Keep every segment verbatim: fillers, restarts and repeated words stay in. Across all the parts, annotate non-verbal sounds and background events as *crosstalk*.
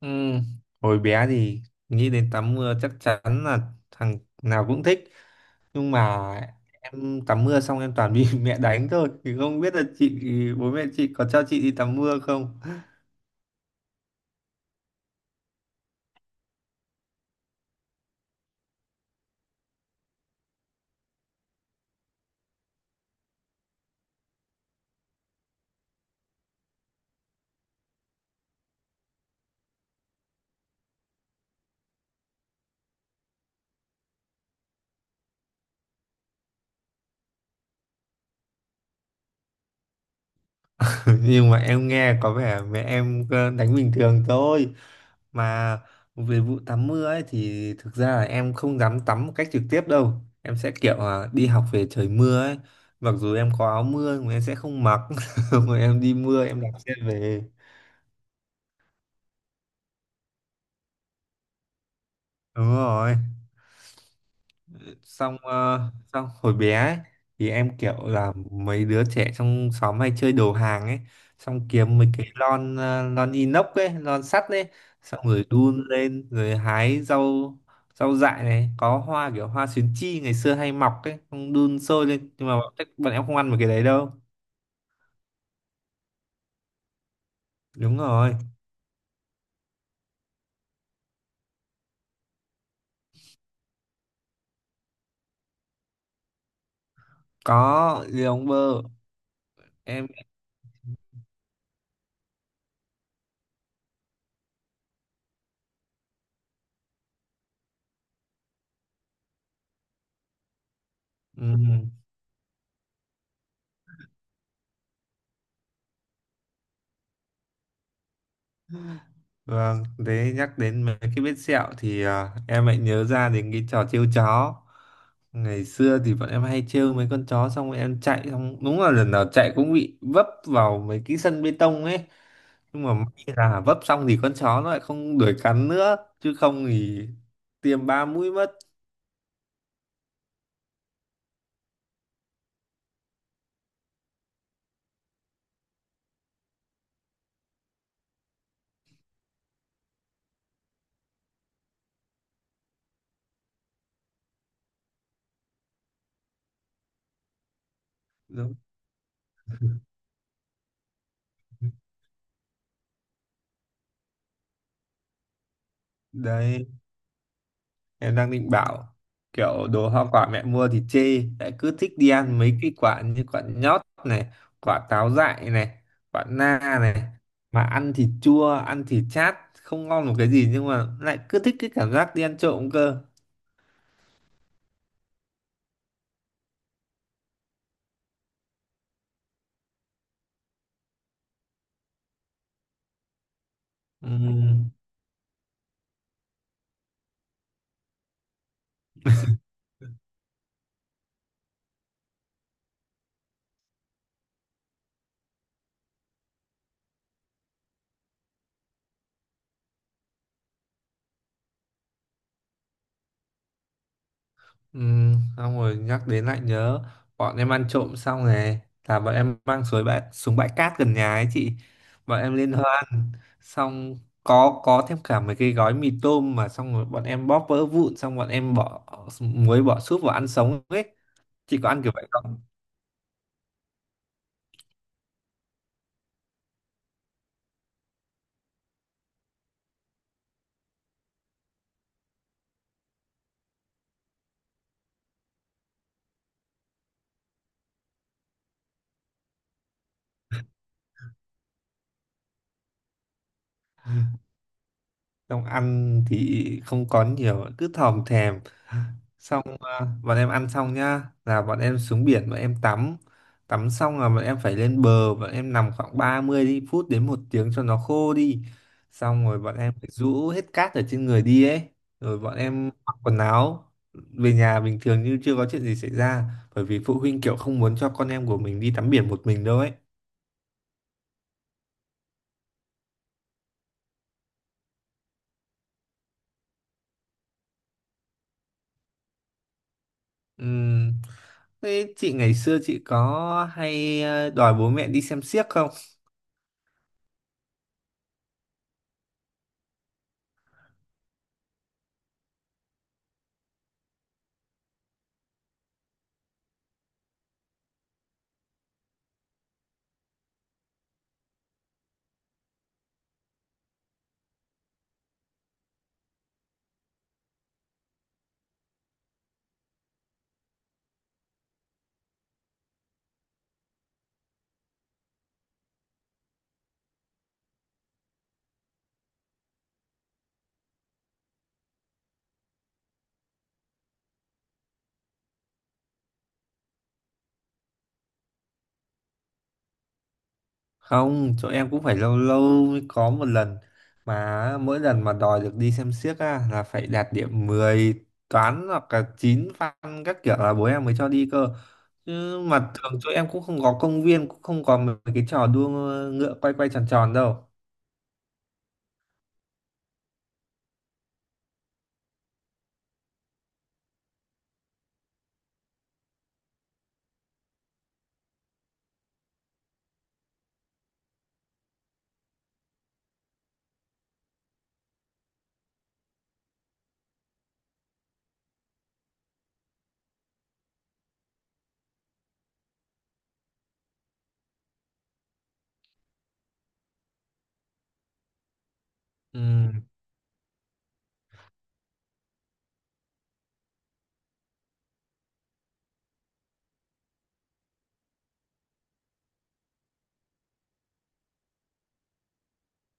Ừ. Hồi bé thì nghĩ đến tắm mưa chắc chắn là thằng nào cũng thích, nhưng mà em tắm mưa xong em toàn bị *laughs* mẹ đánh thôi, thì không biết là chị bố mẹ chị có cho chị đi tắm mưa không. *laughs* Nhưng mà em nghe có vẻ mẹ em ờ, đánh bình thường thôi. Mà về vụ tắm mưa ấy thì thực ra là em không dám tắm một cách trực tiếp đâu, em sẽ kiểu là đi học về trời mưa ấy, mặc dù em có áo mưa nhưng mà em sẽ không mặc *laughs* mà em đi mưa em đạp xe về. Đúng rồi. Xong ờ, xong hồi bé ấy, thì em kiểu là mấy đứa trẻ trong xóm hay chơi đồ hàng ấy, xong kiếm mấy cái lon ờ, lon inox ấy, lon sắt ấy, xong rồi đun lên rồi hái rau. Rau dại này có hoa kiểu hoa xuyến chi ngày xưa hay mọc ấy, xong đun sôi lên, nhưng mà bọn, bọn em không ăn mấy cái đấy đâu. Đúng rồi. Có lì ông bơ. Em ừ. Vâng, thế nhắc đến mấy cái vết sẹo thì à, em lại nhớ ra đến cái trò trêu chó. Ngày xưa thì bọn em hay trêu mấy con chó, xong rồi em chạy, xong đúng là lần nào chạy cũng bị vấp vào mấy cái sân bê tông ấy. Nhưng mà may là vấp xong thì con chó nó lại không đuổi cắn nữa, chứ không thì tiêm ba mũi mất. Đúng. *laughs* Đấy. Em đang định bảo kiểu đồ hoa quả mẹ mua thì chê, lại cứ thích đi ăn mấy cái quả như quả nhót này, quả táo dại này, quả na này, mà ăn thì chua, ăn thì chát, không ngon một cái gì, nhưng mà lại cứ thích cái cảm giác đi ăn trộm cơ. Ừm. Ừ, xong rồi nhắc đến lại nhớ, bọn em ăn trộm xong này, là bọn em mang xuống bãi, xuống bãi cát gần nhà ấy chị, bọn em liên hoan. Xong có có thêm cả mấy cái gói mì tôm, mà xong rồi bọn em bóp vỡ vụn, xong bọn em bỏ muối bỏ súp vào ăn sống ấy. Chị có ăn kiểu vậy không? Xong ăn thì không có nhiều, cứ thòm thèm. Xong à, bọn em ăn xong nhá là bọn em xuống biển bọn em tắm, tắm xong là bọn em phải lên bờ, bọn em nằm khoảng ba mươi đi- phút đến một tiếng cho nó khô đi, xong rồi bọn em phải rũ hết cát ở trên người đi ấy, rồi bọn em mặc quần áo về nhà bình thường như chưa có chuyện gì xảy ra. Bởi vì phụ huynh kiểu không muốn cho con em của mình đi tắm biển một mình đâu ấy. Ừm. Thế chị ngày xưa chị có hay ờ, đòi bố mẹ đi xem xiếc không? Không, chỗ em cũng phải lâu lâu mới có một lần, mà mỗi lần mà đòi được đi xem xiếc á, là phải đạt điểm mười toán hoặc là chín văn các kiểu là bố em mới cho đi cơ. Chứ mà thường chỗ em cũng không có công viên, cũng không có mấy cái trò đua ngựa quay quay tròn tròn đâu. Ừ.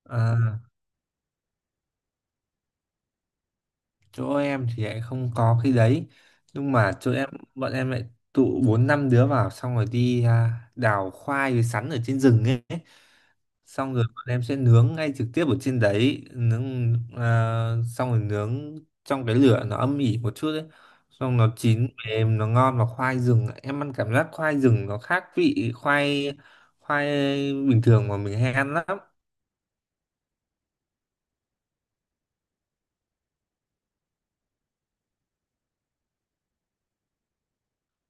À. Chỗ em thì lại không có cái đấy, nhưng mà chỗ Ừ. em bọn em lại tụ bốn năm đứa vào, xong rồi đi à, đào khoai với sắn ở trên rừng ấy, xong rồi bọn em sẽ nướng ngay trực tiếp ở trên đấy nướng à, xong rồi nướng trong cái lửa nó âm ỉ một chút ấy, xong nó chín mềm nó ngon, và khoai rừng em ăn cảm giác khoai rừng nó khác vị khoai, khoai bình thường mà mình hay ăn lắm.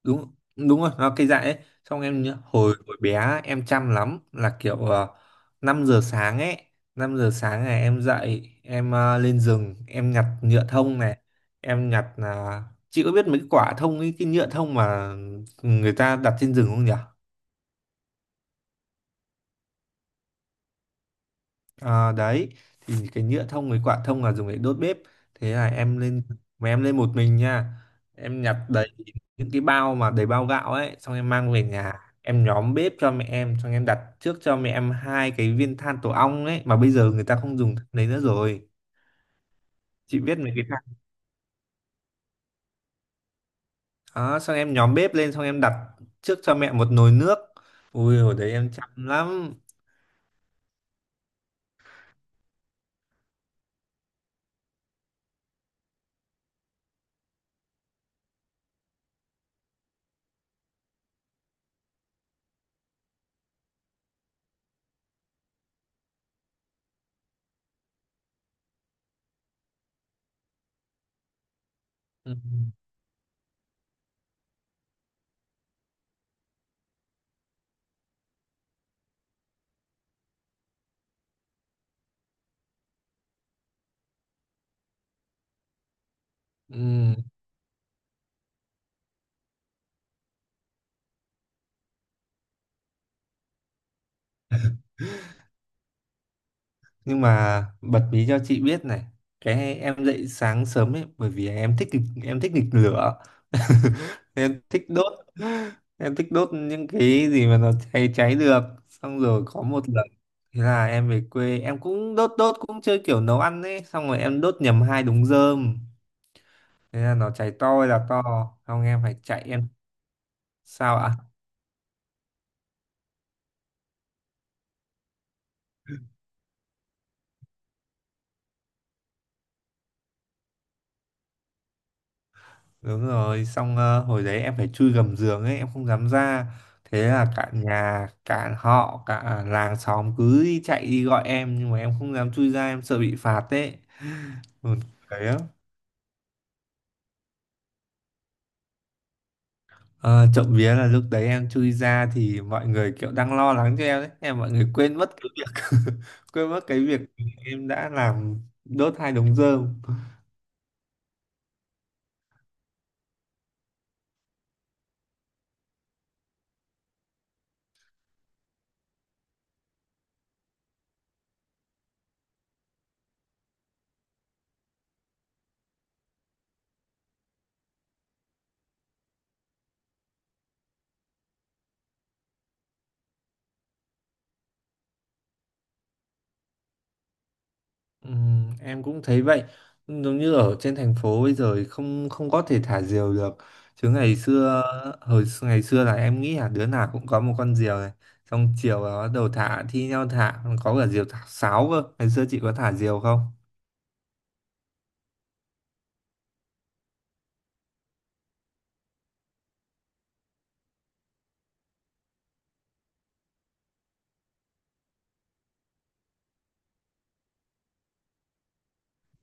Đúng đúng rồi nó cây dại ấy. Xong em nhớ hồi hồi bé á, em chăm lắm, là kiểu uh, năm giờ sáng ấy, năm giờ sáng này em dậy em ờ, lên rừng em nhặt nhựa thông này, em nhặt là, chị có biết mấy cái quả thông ấy, cái nhựa thông mà người ta đặt trên rừng không nhỉ? À, đấy, thì cái nhựa thông với quả thông là dùng để đốt bếp. Thế là em lên, mà em lên một mình nha, em nhặt đấy, những cái bao mà đầy bao gạo ấy, xong em mang về nhà, em nhóm bếp cho mẹ em, xong em đặt trước cho mẹ em hai cái viên than tổ ong ấy, mà bây giờ người ta không dùng than đấy nữa rồi. Chị biết mấy cái than đó. Xong em nhóm bếp lên, xong em đặt trước cho mẹ một nồi nước. Ui hồi đấy em chăm lắm. Ừ. Ừ. Nhưng mà bật mí cho chị biết này, cái em dậy sáng sớm ấy bởi vì em thích nghịch- em thích nghịch lửa. *laughs* Em thích đốt, em thích đốt những cái gì mà nó cháy cháy được. Xong rồi có một lần, thế là em về quê em cũng đốt đốt cũng chơi kiểu nấu ăn ấy, xong rồi em đốt nhầm hai đống rơm, thế là nó cháy to là to, xong em phải chạy em. Sao ạ? Đúng rồi, xong ờ, hồi đấy em phải chui gầm giường ấy, em không dám ra, thế là cả nhà cả họ cả làng xóm cứ đi chạy đi gọi em, nhưng mà em không dám chui ra, em sợ bị phạt ấy. *laughs* Buồn cười lắm. Ờ, trộm vía là lúc đấy em chui ra thì mọi người kiểu đang lo lắng cho em đấy, em mọi người quên mất cái việc *laughs* quên mất cái việc em đã làm, đốt hai đống rơm. Ừm, em cũng thấy vậy, giống như ở trên thành phố bây giờ thì không không có thể thả diều được, chứ ngày xưa, hồi x- ngày xưa là em nghĩ là đứa nào cũng có một con diều này, xong chiều là bắt đầu thả thi nhau thả, còn có cả diều thả sáo cơ. Ngày xưa chị có thả diều không?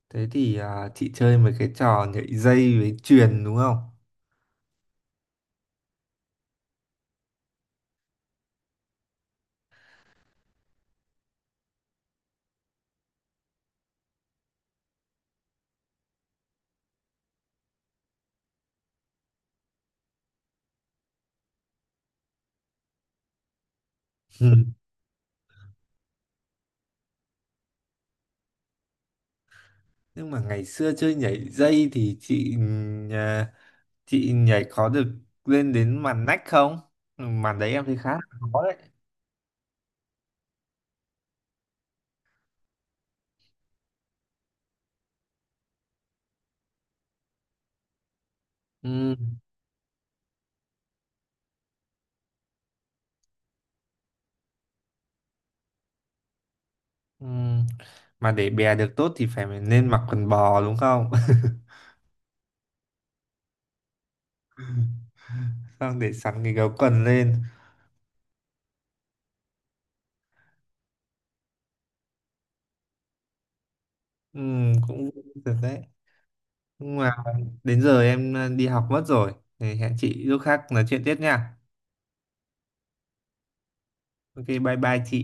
Thế thì à, chị chơi mấy cái trò nhảy dây với chuyền đúng không? Ừ. Nhưng mà ngày xưa chơi nhảy dây thì chị nhà- chị nhảy có được lên đến màn nách không? Ừ, màn đấy em thấy khá là khó đấy. Ừ. Ừ. Mà để bè được tốt thì phải nên mặc quần bò đúng không? *laughs* Xong để sẵn cái gấu quần lên. Ừ, cũng được đấy. Nhưng mà đến giờ em à, đi học mất rồi. Thì hẹn chị lúc khác nói chuyện tiếp nha. Ok, bye bye chị.